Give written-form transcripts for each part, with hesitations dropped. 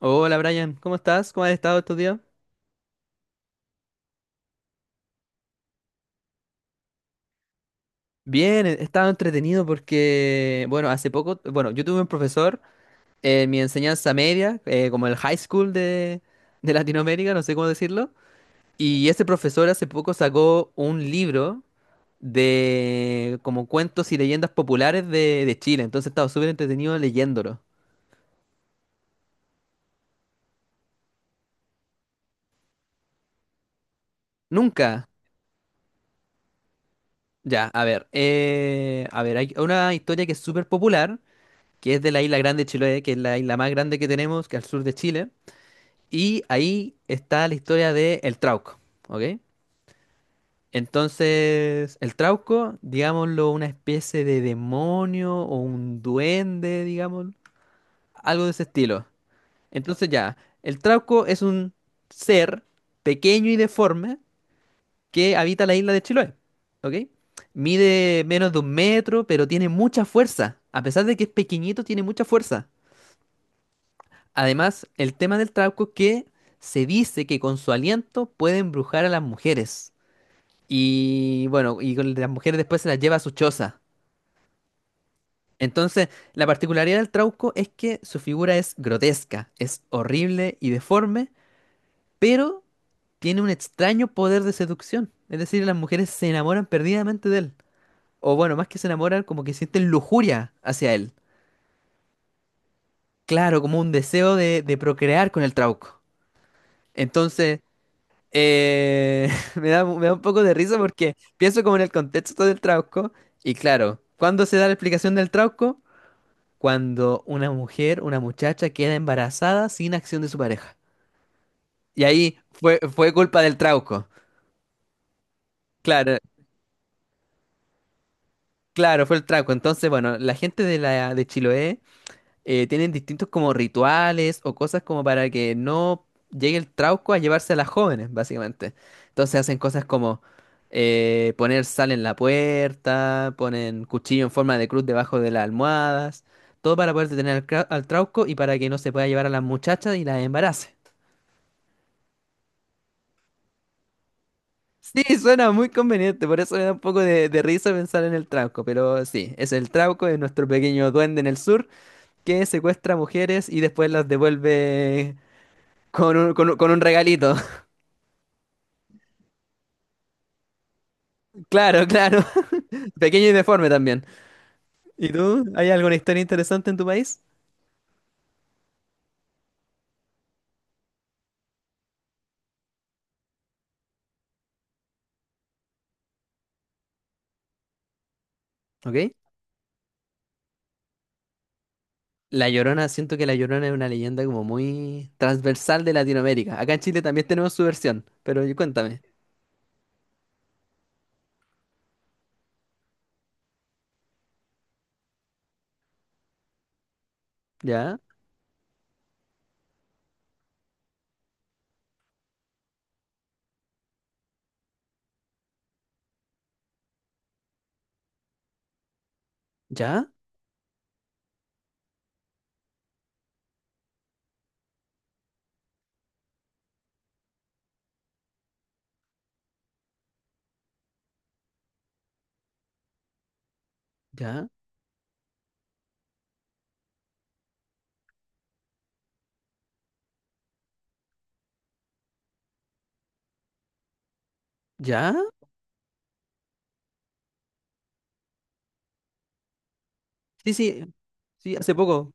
Hola Brian, ¿cómo estás? ¿Cómo has estado estos días? Bien, he estado entretenido porque, bueno, hace poco, bueno, yo tuve un profesor en mi enseñanza media, como el high school de Latinoamérica, no sé cómo decirlo, y ese profesor hace poco sacó un libro de como cuentos y leyendas populares de Chile, entonces he estado súper entretenido leyéndolo. Nunca. Ya, a ver, hay una historia que es súper popular que es de la isla Grande de Chiloé, que es la isla más grande que tenemos, que al sur de Chile. Y ahí está la historia de el Trauco, ¿ok? Entonces, el Trauco, digámoslo, una especie de demonio o un duende, digamos, algo de ese estilo. Entonces ya, el Trauco es un ser pequeño y deforme que habita la isla de Chiloé, ¿ok? Mide menos de un metro, pero tiene mucha fuerza. A pesar de que es pequeñito, tiene mucha fuerza. Además, el tema del trauco que se dice que con su aliento puede embrujar a las mujeres. Y bueno, y con las mujeres después se las lleva a su choza. Entonces, la particularidad del trauco es que su figura es grotesca, es horrible y deforme, pero tiene un extraño poder de seducción. Es decir, las mujeres se enamoran perdidamente de él. O bueno, más que se enamoran, como que sienten lujuria hacia él. Claro, como un deseo de procrear con el trauco. Entonces, Eh, me da un poco de risa porque pienso como en el contexto del trauco y claro, ¿cuándo se da la explicación del trauco? Cuando una mujer, una muchacha queda embarazada sin acción de su pareja. Y ahí fue culpa del trauco. Claro, claro, fue el trauco. Entonces, bueno, la gente de la de Chiloé tienen distintos como rituales o cosas como para que no llegue el trauco a llevarse a las jóvenes, básicamente. Entonces hacen cosas como poner sal en la puerta, ponen cuchillo en forma de cruz debajo de las almohadas, todo para poder detener al trauco y para que no se pueda llevar a las muchachas y las embarace. Sí, suena muy conveniente, por eso me da un poco de risa pensar en el trauco, pero sí, es el trauco, es nuestro pequeño duende en el sur que secuestra mujeres y después las devuelve. Con un regalito. Claro, claro. Pequeño y deforme también. ¿Y tú? ¿Hay alguna historia interesante en tu país? ¿Ok? La Llorona, siento que La Llorona es una leyenda como muy transversal de Latinoamérica. Acá en Chile también tenemos su versión, pero cuéntame. ¿Ya? ¿Ya? ¿Ya? ¿Ya? Sí, sí, sí, hace poco.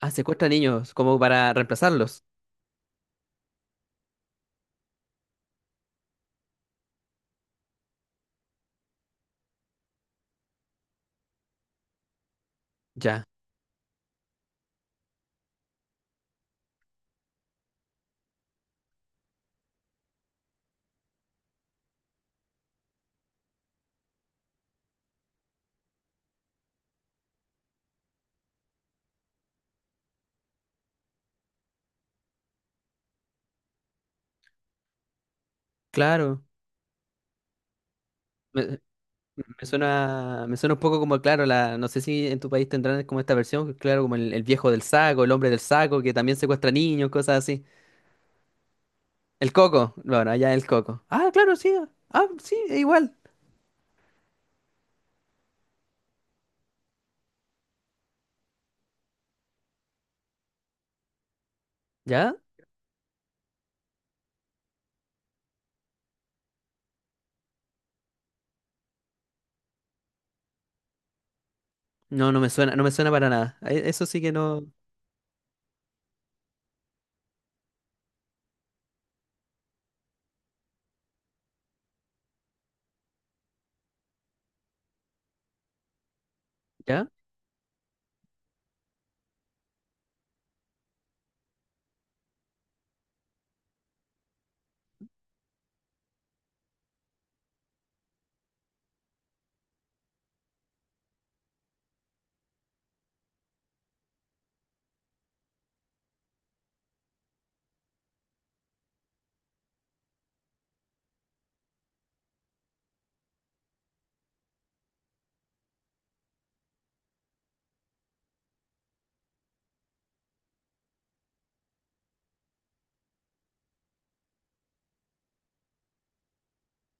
Ah, secuestra niños como para reemplazarlos. Ya, claro. Me- me suena un poco como, claro, la, no sé si en tu país tendrán como esta versión, claro, como el viejo del saco, el hombre del saco, que también secuestra niños, cosas así. El coco, bueno, allá el coco. Ah, claro, sí, ah, sí, es igual. ¿Ya? No, no me suena, no me suena para nada. Eso sí que no. ¿Ya?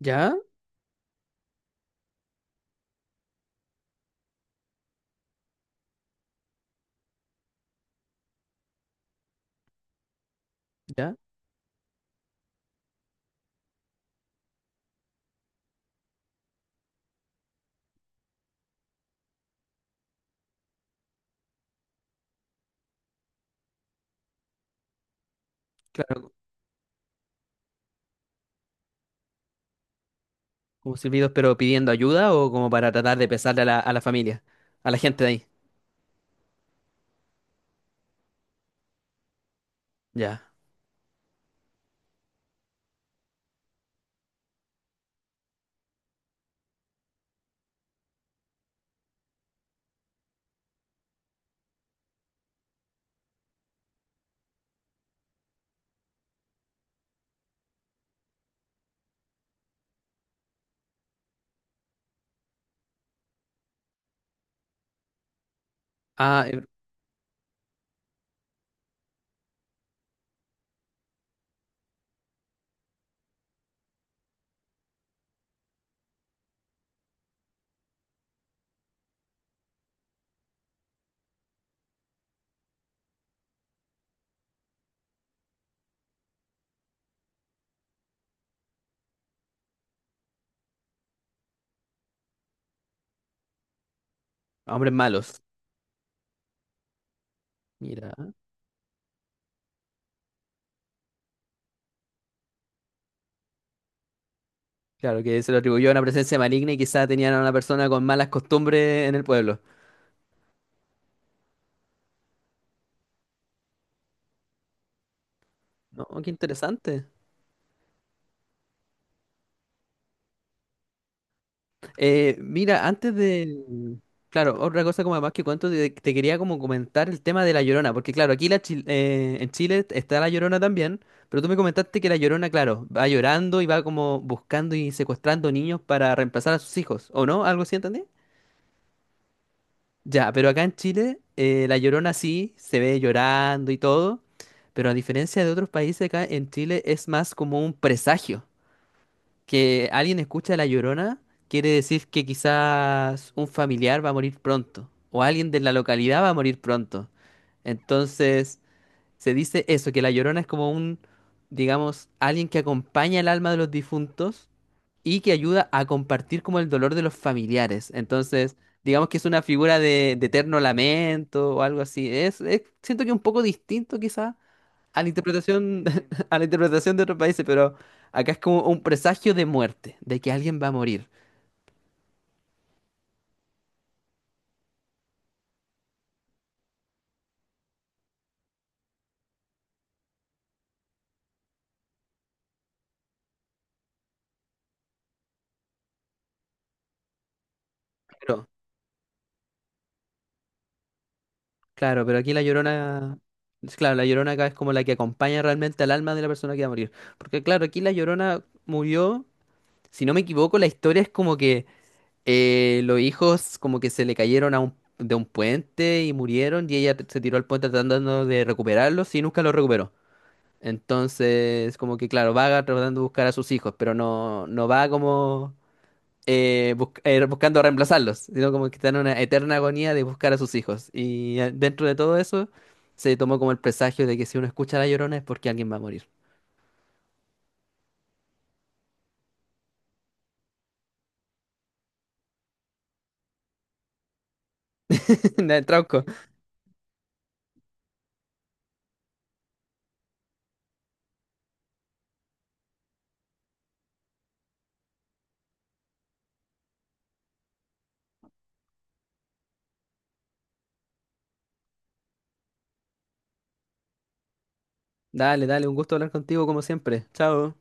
¿Ya? ¿Ya? Claro, como silbidos, pero pidiendo ayuda o como para tratar de pesarle a la familia, a la gente de ahí. Ya. Ah, eh, hombres malos. Mira. Claro, que se lo atribuyó a una presencia maligna y quizá tenían a una persona con malas costumbres en el pueblo. No, qué interesante. Mira, antes de... Claro, otra cosa como además que cuento, te quería como comentar el tema de La Llorona, porque claro, aquí la en Chile está La Llorona también, pero tú me comentaste que La Llorona, claro, va llorando y va como buscando y secuestrando niños para reemplazar a sus hijos, ¿o no? ¿Algo así entendí? Ya, pero acá en Chile, la Llorona sí se ve llorando y todo, pero a diferencia de otros países, acá en Chile es más como un presagio. Que alguien escucha la Llorona quiere decir que quizás un familiar va a morir pronto, o alguien de la localidad va a morir pronto. Entonces, se dice eso, que la Llorona es como un, digamos, alguien que acompaña el alma de los difuntos y que ayuda a compartir como el dolor de los familiares. Entonces, digamos que es una figura de eterno lamento o algo así. Siento que un poco distinto quizá a la interpretación, a la interpretación de otros países, pero acá es como un presagio de muerte, de que alguien va a morir. Pero, claro, pero aquí la Llorona, es claro, la Llorona acá es como la que acompaña realmente al alma de la persona que va a morir. Porque claro, aquí la Llorona murió, si no me equivoco, la historia es como que los hijos como que se le cayeron a un, de un puente y murieron y ella se tiró al puente tratando de recuperarlos y nunca los recuperó. Entonces, como que claro, vaga tratando de buscar a sus hijos, pero no, no va como buscando reemplazarlos, sino como que está en una eterna agonía de buscar a sus hijos. Y dentro de todo eso, se tomó como el presagio de que si uno escucha a La Llorona es porque alguien va a morir. Dale, Trauco, dale, dale, un gusto hablar contigo como siempre. Chao.